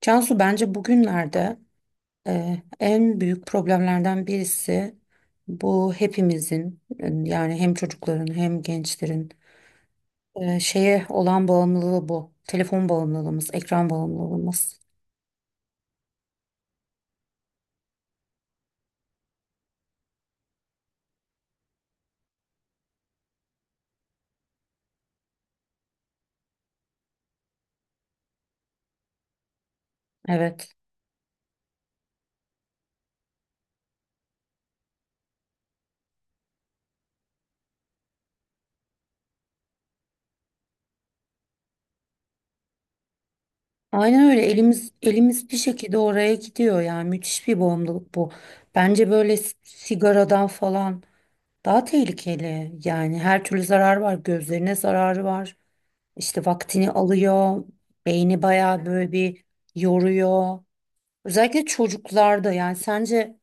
Cansu bence bugünlerde en büyük problemlerden birisi bu hepimizin yani hem çocukların hem gençlerin şeye olan bağımlılığı bu. Telefon bağımlılığımız, ekran bağımlılığımız. Evet. Aynen öyle elimiz bir şekilde oraya gidiyor yani müthiş bir bağımlılık bu. Bence böyle sigaradan falan daha tehlikeli yani her türlü zarar var, gözlerine zararı var. İşte vaktini alıyor. Beyni bayağı böyle bir yoruyor. Özellikle çocuklarda, yani sence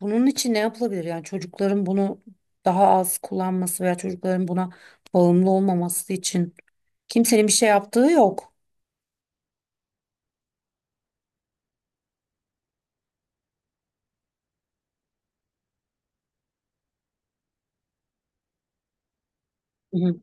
bunun için ne yapılabilir? Yani çocukların bunu daha az kullanması veya çocukların buna bağımlı olmaması için kimsenin bir şey yaptığı yok. Hı hı.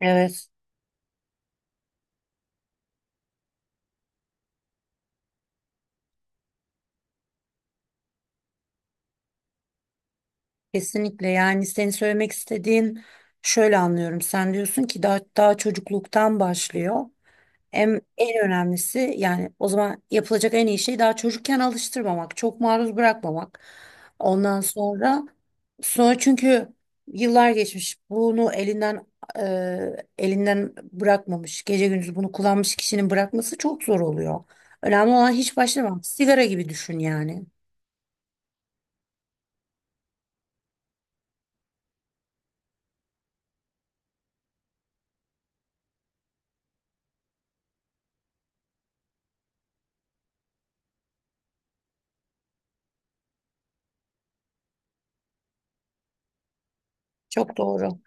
Evet, kesinlikle. Yani senin söylemek istediğin şöyle anlıyorum. Sen diyorsun ki daha çocukluktan başlıyor. En önemlisi, yani o zaman yapılacak en iyi şey daha çocukken alıştırmamak, çok maruz bırakmamak. Ondan sonra çünkü yıllar geçmiş, bunu elinden elinden bırakmamış, gece gündüz bunu kullanmış kişinin bırakması çok zor oluyor. Önemli olan hiç başlamamak. Sigara gibi düşün yani. Çok doğru.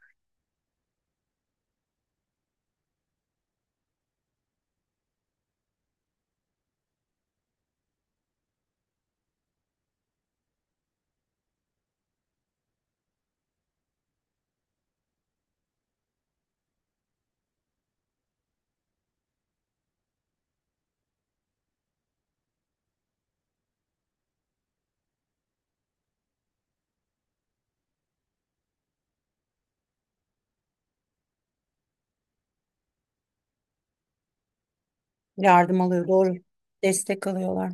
Yardım alıyor, doğru. Destek alıyorlar.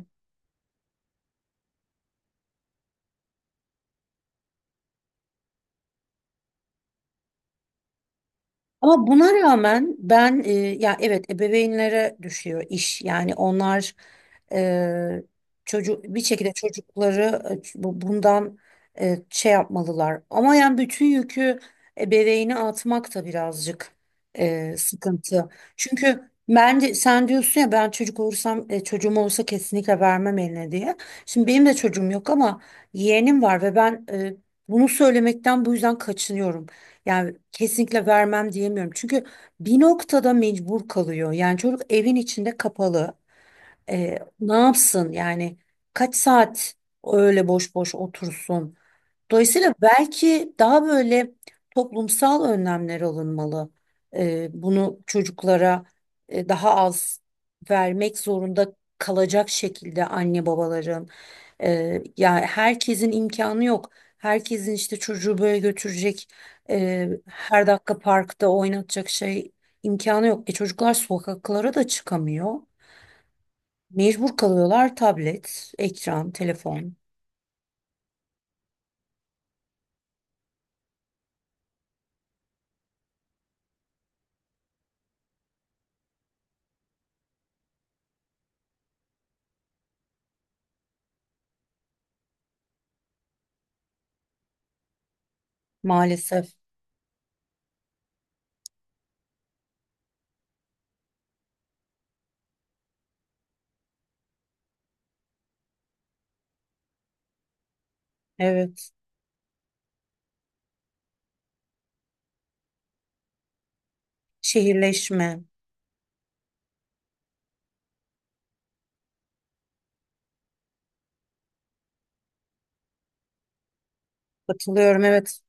Ama buna rağmen ben ya evet, ebeveynlere düşüyor iş. Yani onlar e, çocuk bir şekilde çocukları bundan şey yapmalılar. Ama yani bütün yükü ebeveyni atmak da birazcık sıkıntı. Çünkü bence sen diyorsun ya, ben çocuk olursam çocuğum olursa kesinlikle vermem eline diye. Şimdi benim de çocuğum yok ama yeğenim var ve ben bunu söylemekten bu yüzden kaçınıyorum. Yani kesinlikle vermem diyemiyorum. Çünkü bir noktada mecbur kalıyor. Yani çocuk evin içinde kapalı. Ne yapsın yani? Kaç saat öyle boş boş otursun? Dolayısıyla belki daha böyle toplumsal önlemler alınmalı. Bunu çocuklara daha az vermek zorunda kalacak şekilde anne babaların. Yani herkesin imkanı yok. Herkesin işte çocuğu böyle götürecek, her dakika parkta oynatacak şey imkanı yok. E çocuklar sokaklara da çıkamıyor. Mecbur kalıyorlar, tablet, ekran, telefon. Maalesef. Evet. Şehirleşme. Katılıyorum, evet.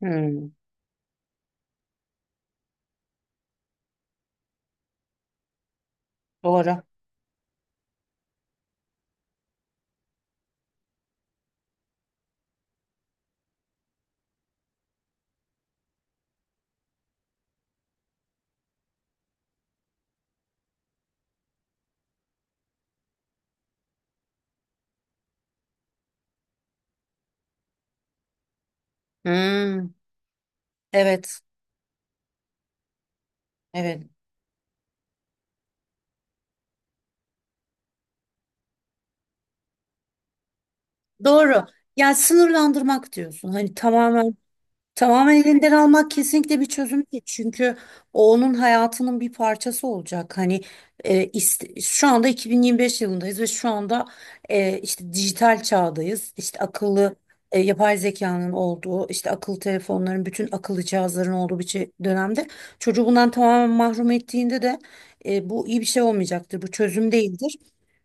Hmm, doğru. Hmm, evet. Evet. Doğru. Yani sınırlandırmak diyorsun. Hani tamamen, tamamen elinden almak kesinlikle bir çözüm değil. Çünkü o onun hayatının bir parçası olacak. Hani şu anda 2025 yılındayız ve şu anda işte dijital çağdayız. İşte akıllı yapay zekanın olduğu, işte akıllı telefonların, bütün akıllı cihazların olduğu bir dönemde çocuğu bundan tamamen mahrum ettiğinde de bu iyi bir şey olmayacaktır. Bu çözüm değildir.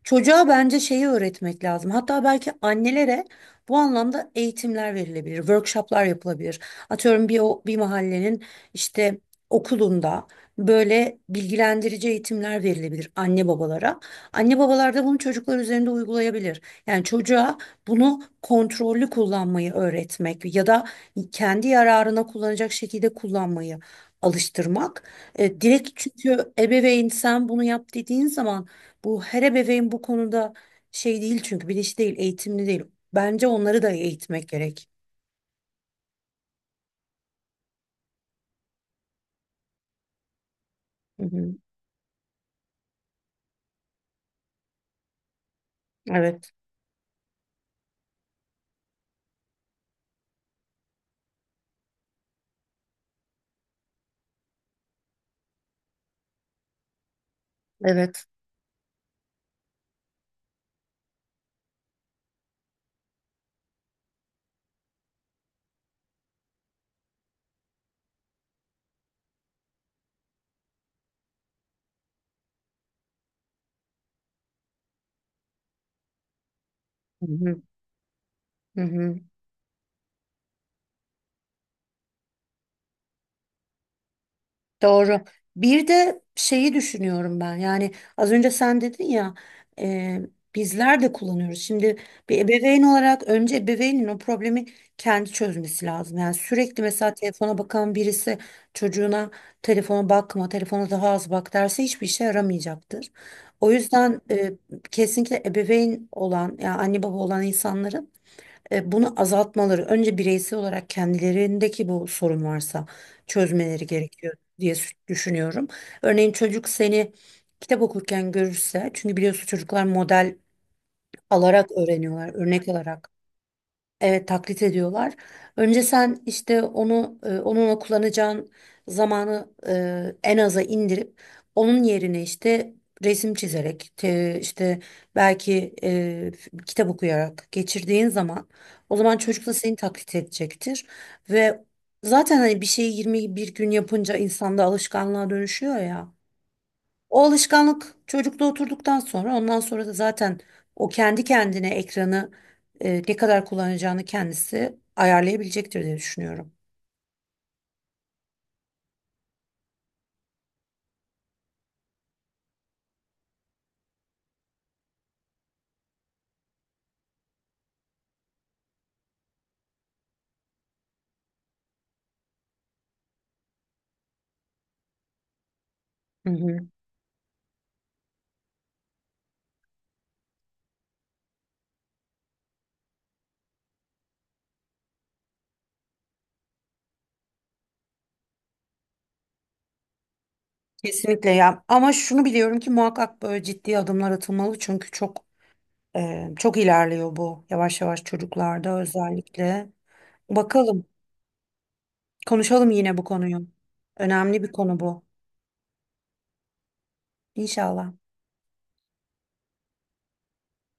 Çocuğa bence şeyi öğretmek lazım. Hatta belki annelere bu anlamda eğitimler verilebilir, workshoplar yapılabilir. Atıyorum bir mahallenin işte okulunda böyle bilgilendirici eğitimler verilebilir anne babalara. Anne babalar da bunu çocuklar üzerinde uygulayabilir. Yani çocuğa bunu kontrollü kullanmayı öğretmek ya da kendi yararına kullanacak şekilde kullanmayı alıştırmak. Direkt çünkü ebeveyn sen bunu yap dediğin zaman bu her ebeveyn bu konuda şey değil, çünkü bilinçli değil, eğitimli değil. Bence onları da eğitmek gerek. Hı hı. Evet, evet. Hı hı, hı hı. Doğru. Bir de şeyi düşünüyorum ben. Yani az önce sen dedin ya, e, bizler de kullanıyoruz. Şimdi bir ebeveyn olarak önce ebeveynin o problemi kendi çözmesi lazım. Yani sürekli mesela telefona bakan birisi çocuğuna telefona bakma, telefona daha az bak derse hiçbir işe yaramayacaktır. O yüzden kesinlikle ebeveyn olan yani anne baba olan insanların bunu azaltmaları, önce bireysel olarak kendilerindeki bu sorun varsa çözmeleri gerekiyor diye düşünüyorum. Örneğin çocuk seni kitap okurken görürse, çünkü biliyorsun çocuklar model alarak öğreniyorlar, örnek alarak. Evet, taklit ediyorlar. Önce sen işte onu onunla kullanacağın zamanı en aza indirip onun yerine işte resim çizerek işte belki kitap okuyarak geçirdiğin zaman o zaman çocuk da seni taklit edecektir ve zaten hani bir şeyi 21 gün yapınca insanda alışkanlığa dönüşüyor ya. O alışkanlık çocukta oturduktan sonra ondan sonra da zaten o kendi kendine ekranı ne kadar kullanacağını kendisi ayarlayabilecektir diye düşünüyorum. Hı hı. Kesinlikle ya. Ama şunu biliyorum ki muhakkak böyle ciddi adımlar atılmalı çünkü çok. Çok ilerliyor bu yavaş yavaş, çocuklarda özellikle. Bakalım, konuşalım yine bu konuyu. Önemli bir konu bu. İnşallah.